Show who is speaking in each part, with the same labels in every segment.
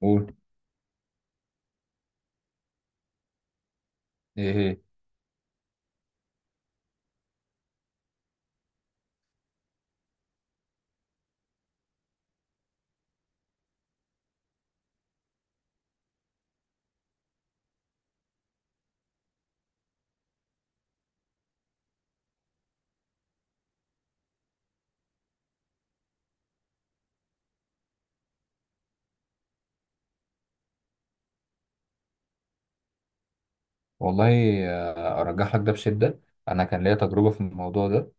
Speaker 1: قول. ايه ايه. والله، ارجح لك ده بشده. انا كان ليا تجربه في الموضوع ده،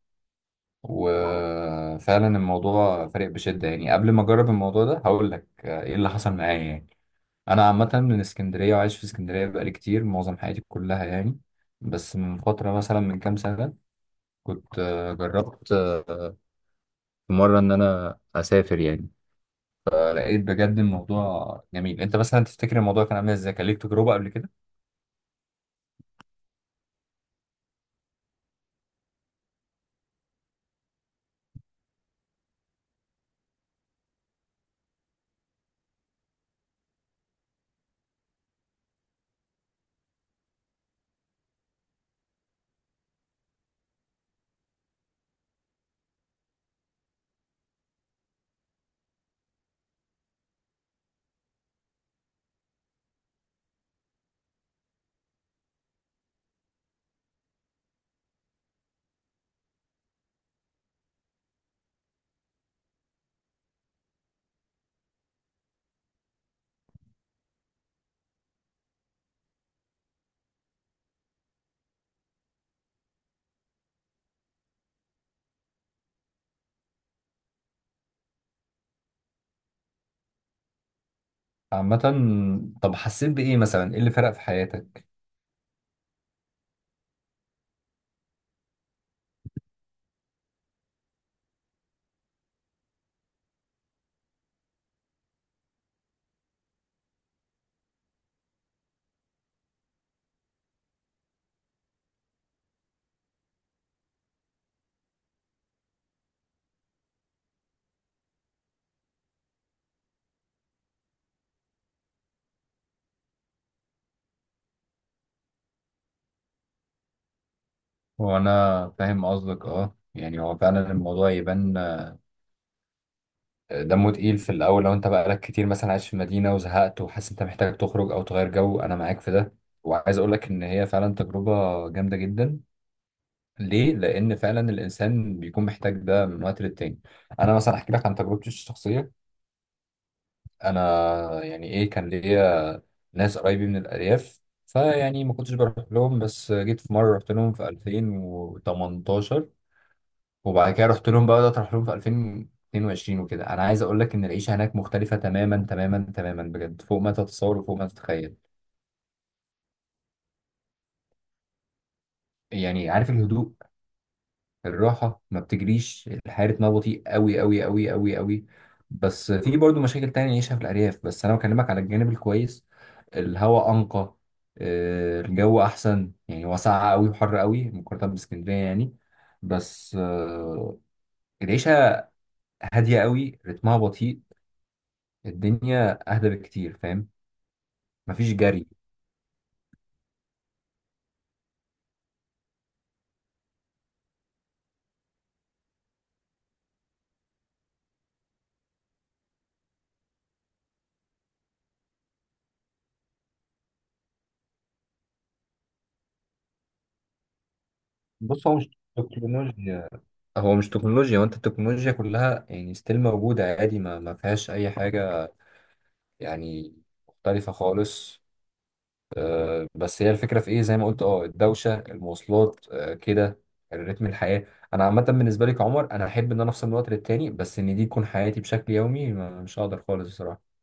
Speaker 1: وفعلا الموضوع فارق بشده. يعني قبل ما اجرب الموضوع ده هقول لك ايه اللي حصل معايا. يعني انا عامه من اسكندريه وعايش في اسكندريه بقالي كتير، معظم حياتي كلها يعني. بس من فتره مثلا، من كام سنه، كنت جربت في مره ان انا اسافر يعني. لقيت بجد الموضوع جميل. انت مثلا تفتكر الموضوع كان عامل ازاي؟ كان ليك تجربه قبل كده؟ عامه، طب حسيت بايه مثلا؟ ايه اللي فرق في حياتك؟ هو انا فاهم قصدك، اه. يعني هو فعلا الموضوع يبان دمه تقيل في الاول. لو انت بقالك كتير مثلا عايش في مدينه وزهقت وحاسس انت محتاج تخرج او تغير جو، انا معاك في ده. وعايز اقول لك ان هي فعلا تجربه جامده جدا، ليه؟ لان فعلا الانسان بيكون محتاج ده من وقت للتاني. انا مثلا احكي لك عن تجربتي الشخصيه. انا يعني ايه، كان ليا ناس قرايبي من الارياف، فيعني ما كنتش بروح لهم، بس جيت في مره رحت لهم في 2018، وبعد كده رحت لهم بقى، بدأت اروح لهم في 2022 وكده. انا عايز اقول لك ان العيشه هناك مختلفه تماما تماما تماما، بجد فوق ما تتصور وفوق ما تتخيل. يعني عارف الهدوء، الراحه، ما بتجريش الحياه، رتمها بطيء قوي قوي قوي قوي قوي. بس في برضو مشاكل تانية نعيشها في الارياف، بس انا بكلمك على الجانب الكويس. الهواء انقى، الجو احسن. يعني هو ساقع قوي وحر قوي مقارنه باسكندريه يعني. بس العيشه هاديه قوي، رتمها بطيء، الدنيا اهدى بكتير، فاهم؟ مفيش جري. بص، هو مش تكنولوجيا، هو مش تكنولوجيا، وانت التكنولوجيا كلها يعني ستيل موجودة عادي، ما فيهاش اي حاجة يعني، مختلفة خالص. بس هي الفكرة في ايه؟ زي ما قلت، اه الدوشة، المواصلات، كده، الريتم، الحياة. انا عامة بالنسبة لي كعمر، انا احب ان انا افصل من وقت للتاني، بس ان دي تكون حياتي بشكل يومي، مش هقدر خالص بصراحة.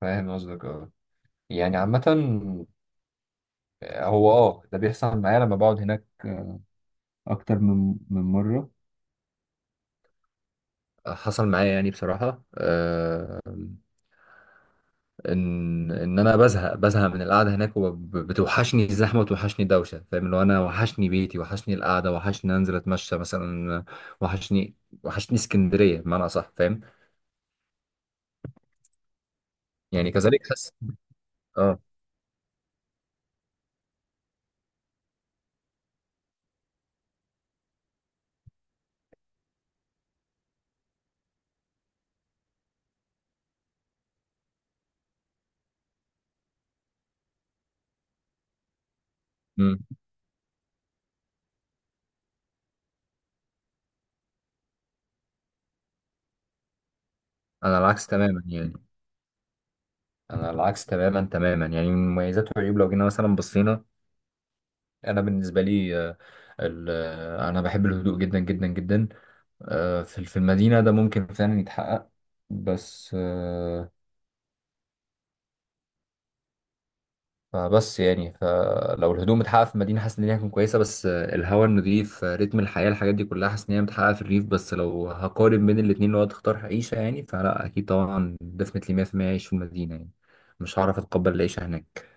Speaker 1: فاهم قصدك، اه. يعني عامة، هو اه ده بيحصل معايا لما بقعد هناك أكتر من مرة. حصل معايا يعني بصراحة إن أنا بزهق من القعدة هناك، وبتوحشني الزحمة وتوحشني الدوشة. فاهم؟ اللي هو أنا وحشني بيتي، وحشني القعدة، وحشني أنزل أتمشى مثلا، وحشني، وحشني اسكندرية بمعنى أصح، فاهم؟ يعني كذلك حس، أه. أمم. أنا العكس تماما يعني، أنا العكس تماما تماما يعني. من مميزات وعيوب لو جينا مثلا بصينا، أنا بالنسبة لي أنا بحب الهدوء جدا جدا جدا. في المدينة ده ممكن فعلا يتحقق، بس فبس يعني، فلو الهدوم اتحقق في المدينة حاسس إن هي هتكون كويسة. بس الهواء النضيف، رتم الحياة، الحاجات دي كلها حاسس إن هي متحققة في الريف. بس لو هقارن بين الاتنين، لو هتختار عيشة يعني، فلا أكيد طبعا ديفنتلي 100% أعيش في المدينة يعني. مش هعرف أتقبل العيشة هناك.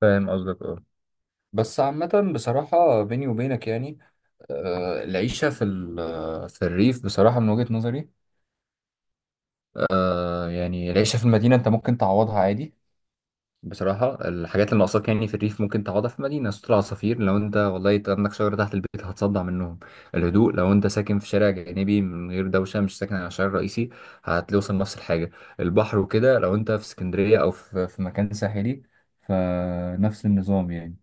Speaker 1: فاهم قصدك، اه. بس عامة بصراحة بيني وبينك يعني، العيشة في في الريف، بصراحة من وجهة نظري، يعني العيشة في المدينة أنت ممكن تعوضها عادي بصراحة. الحاجات اللي ناقصاك يعني في الريف ممكن تقعدها في مدينة. سطول عصافير؟ لو انت والله عندك شجرة تحت البيت هتصدع منهم. الهدوء؟ لو انت ساكن في شارع جانبي من غير دوشة، مش ساكن على الشارع الرئيسي، هتوصل نفس الحاجة. البحر وكده؟ لو انت في اسكندرية أو في في مكان ساحلي، فنفس النظام يعني.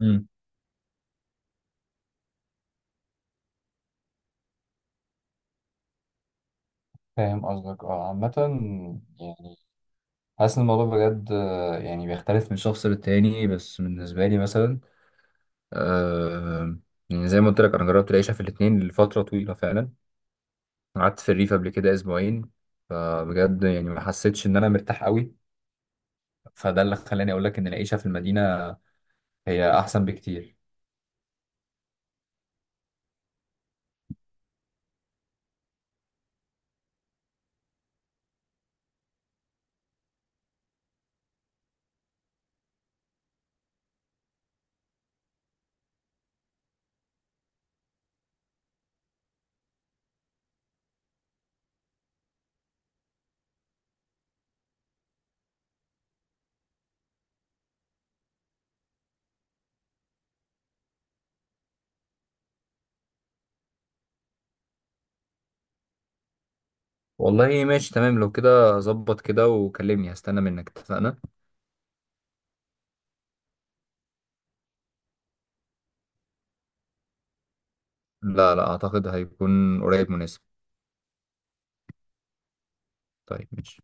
Speaker 1: امم، فاهم قصدك، اه. عامة يعني، حاسس ان الموضوع بجد يعني بيختلف من شخص للتاني. بس بالنسبة لي مثلا، آه، يعني زي ما قلت لك أنا جربت العيشة في الاتنين لفترة طويلة فعلا. قعدت في الريف قبل كده اسبوعين، فبجد يعني ما حسيتش ان انا مرتاح قوي. فده اللي خلاني اقول لك ان العيشه في المدينه هي احسن بكتير. والله ماشي تمام، لو كده ظبط كده وكلمني، هستنى منك، اتفقنا؟ لا، لا اعتقد هيكون قريب مناسب. طيب ماشي.